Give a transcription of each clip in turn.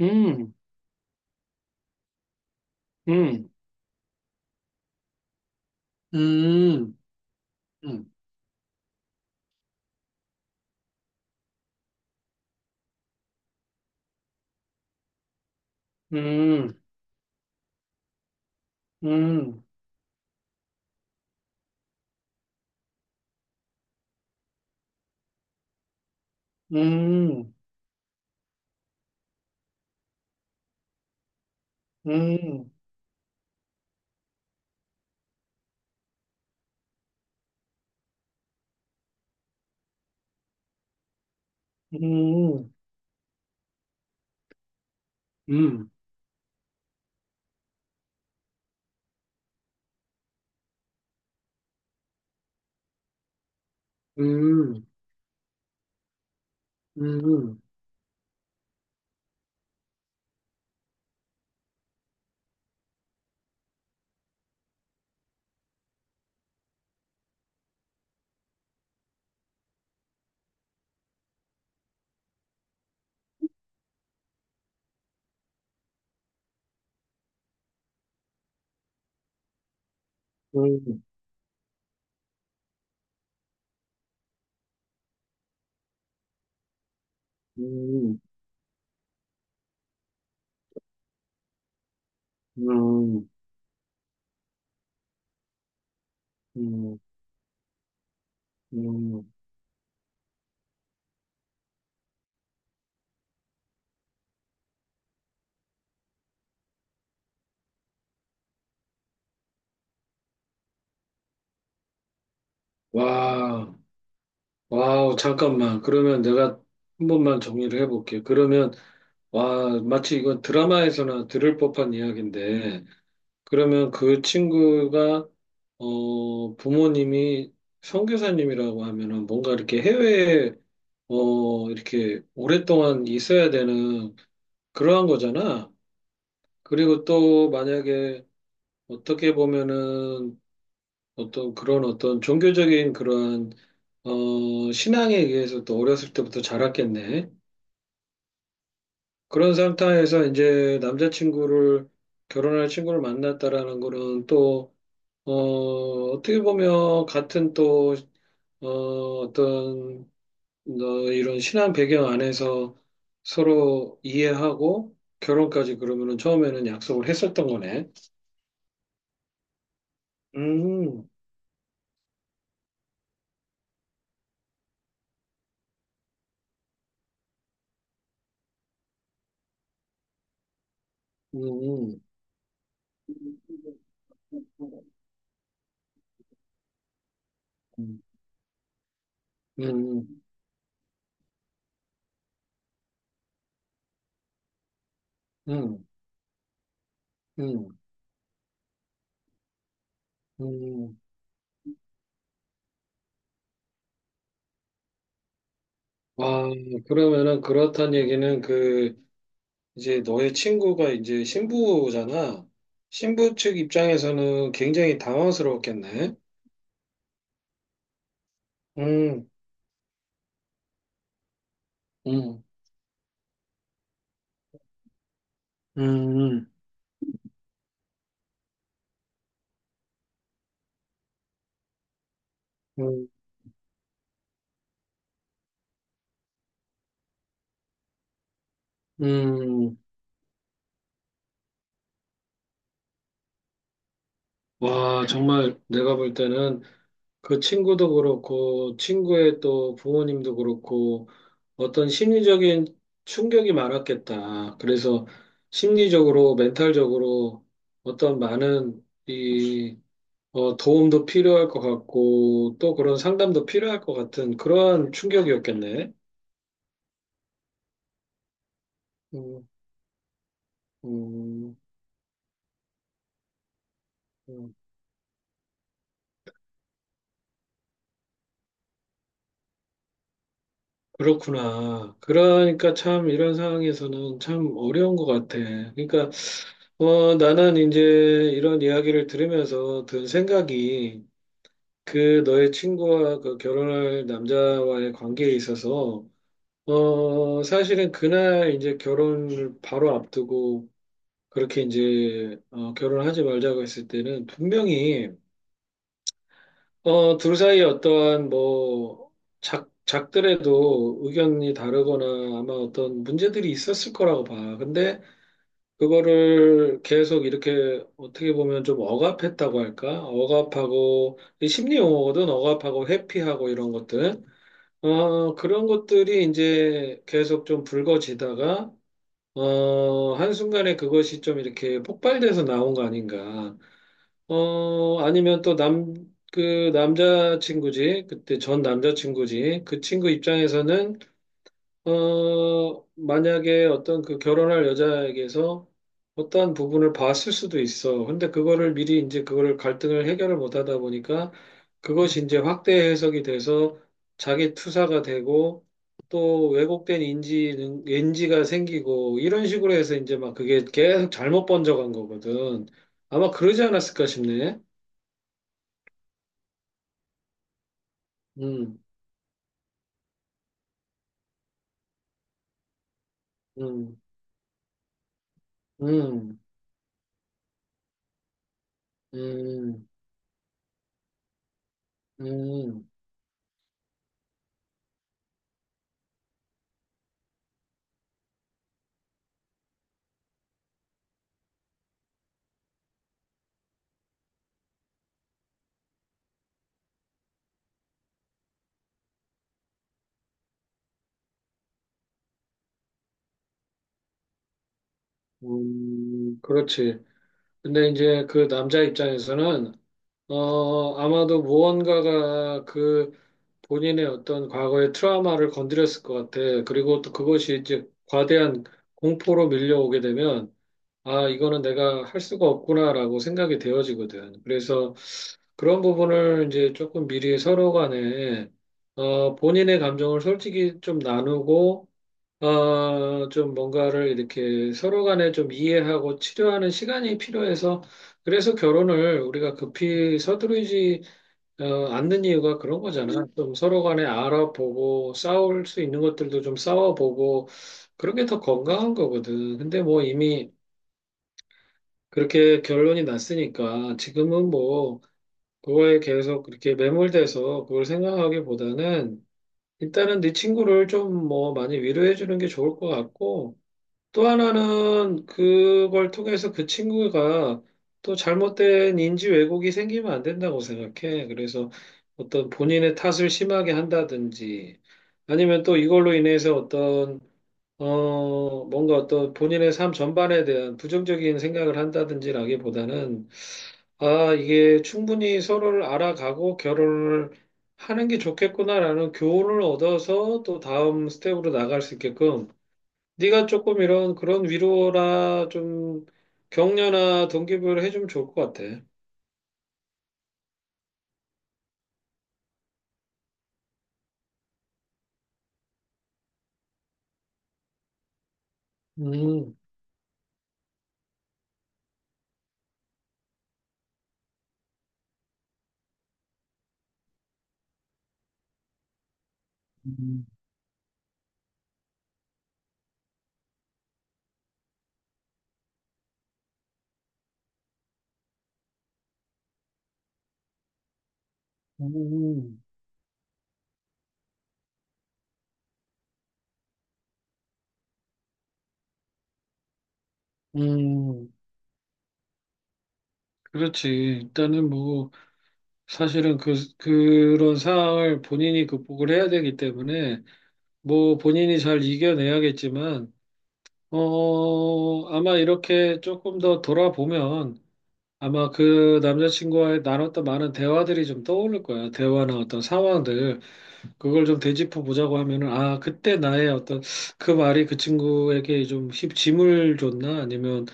음, 음, 음, 음, 음, 음, 음, 음, 음, 음, 음, 음, 음, 음, 음, 음, 음. 와, 와우, 잠깐만. 그러면 내가 한 번만 정리를 해볼게. 그러면, 와, 마치 이건 드라마에서나 들을 법한 이야기인데, 그러면 그 친구가 부모님이 선교사님이라고 하면은 뭔가 이렇게 해외에 이렇게 오랫동안 있어야 되는 그러한 거잖아. 그리고 또 만약에 어떻게 보면은 어떤 그런 어떤 종교적인 그러한 신앙에 의해서 또 어렸을 때부터 자랐겠네. 그런 상태에서 이제 남자친구를 결혼할 친구를 만났다라는 거는 또 어, 어떻게 보면 같은 또, 어, 어떤, 너 이런 신앙 배경 안에서 서로 이해하고 결혼까지 그러면은 처음에는 약속을 했었던 거네. 음, 음, 음, 음, 음, 음, 음. 와, 그러면은 그렇단 얘기는 그, 이제 너의 친구가 이제 신부잖아. 신부 측 입장에서는 굉장히 당황스러웠겠네. 음, 음. 음, 음, 음. 와, 정말 내가 볼 때는 그 친구도 그렇고, 친구의 또 부모님도 그렇고, 어떤 심리적인 충격이 많았겠다. 그래서 심리적으로, 멘탈적으로 어떤 많은 도움도 필요할 것 같고, 또 그런 상담도 필요할 것 같은 그러한 충격이었겠네. 음, 음. 음. 그렇구나. 그러니까 참 이런 상황에서는 참 어려운 것 같아. 그러니까 나는 이제 이런 이야기를 들으면서 든 생각이 그 너의 친구와 그 결혼할 남자와의 관계에 있어서 사실은 그날 이제 결혼을 바로 앞두고 그렇게 이제 결혼하지 말자고 했을 때는 분명히 둘 사이 어떠한 뭐 작들에도 의견이 다르거나 아마 어떤 문제들이 있었을 거라고 봐. 근데 그거를 계속 이렇게 어떻게 보면 좀 억압했다고 할까? 억압하고 이 심리 용어거든. 억압하고 회피하고 이런 것들. 그런 것들이 이제 계속 좀 불거지다가 한순간에 그것이 좀 이렇게 폭발돼서 나온 거 아닌가. 아니면 또 그 남자친구지, 그때 전 남자친구지, 그 친구 입장에서는, 만약에 어떤 그 결혼할 여자에게서 어떠한 부분을 봤을 수도 있어. 근데 그거를 미리 이제 그거를 갈등을 해결을 못 하다 보니까 그것이 이제 확대 해석이 돼서 자기 투사가 되고 또 왜곡된 인지가 생기고 이런 식으로 해서 이제 막 그게 계속 잘못 번져간 거거든. 아마 그러지 않았을까 싶네. 음, 음, 음, 음, 음, 그렇지. 근데 이제 그 남자 입장에서는, 아마도 무언가가 그 본인의 어떤 과거의 트라우마를 건드렸을 것 같아. 그리고 또 그것이 이제 과대한 공포로 밀려오게 되면, 아, 이거는 내가 할 수가 없구나라고 생각이 되어지거든. 그래서 그런 부분을 이제 조금 미리 서로 간에, 본인의 감정을 솔직히 좀 나누고, 좀 뭔가를 이렇게 서로 간에 좀 이해하고 치료하는 시간이 필요해서 그래서 결혼을 우리가 급히 서두르지 않는 이유가 그런 거잖아. 좀 서로 간에 알아보고 싸울 수 있는 것들도 좀 싸워보고 그런 게 더 건강한 거거든. 근데 뭐 이미 그렇게 결론이 났으니까 지금은 뭐 그거에 계속 그렇게 매몰돼서 그걸 생각하기보다는 일단은 네 친구를 좀 뭐 많이 위로해 주는 게 좋을 것 같고 또 하나는 그걸 통해서 그 친구가 또 잘못된 인지 왜곡이 생기면 안 된다고 생각해. 그래서 어떤 본인의 탓을 심하게 한다든지 아니면 또 이걸로 인해서 어떤 뭔가 어떤 본인의 삶 전반에 대한 부정적인 생각을 한다든지라기보다는 아 이게 충분히 서로를 알아가고 결혼을 하는 게 좋겠구나라는 교훈을 얻어서 또 다음 스텝으로 나갈 수 있게끔 네가 조금 이런 그런 위로나 좀 격려나 동기부여를 해주면 좋을 것 같아. 음, 음, 음, 음, 그렇지. 일단은 뭐 사실은 그런 상황을 본인이 극복을 해야 되기 때문에 뭐 본인이 잘 이겨내야겠지만 아마 이렇게 조금 더 돌아보면 아마 그 남자친구와의 나눴던 많은 대화들이 좀 떠오를 거야. 대화나 어떤 상황들. 그걸 좀 되짚어 보자고 하면은, 아, 그때 나의 어떤, 그 말이 그 친구에게 좀 짐을 줬나? 아니면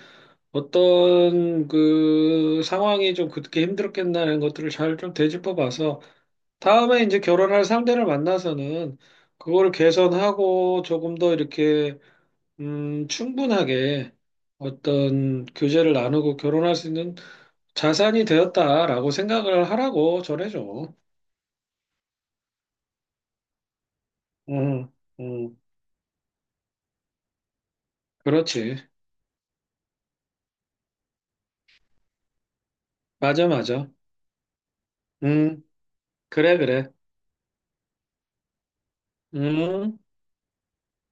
어떤 그 상황이 좀 그렇게 힘들었겠나? 이런 것들을 잘 좀 되짚어 봐서, 다음에 이제 결혼할 상대를 만나서는 그거를 개선하고 조금 더 이렇게, 충분하게 어떤 교제를 나누고 결혼할 수 있는 자산이 되었다라고 생각을 하라고 전해줘. 응, 응, 그렇지. 맞아, 맞아. 음, 그래, 그래. 음.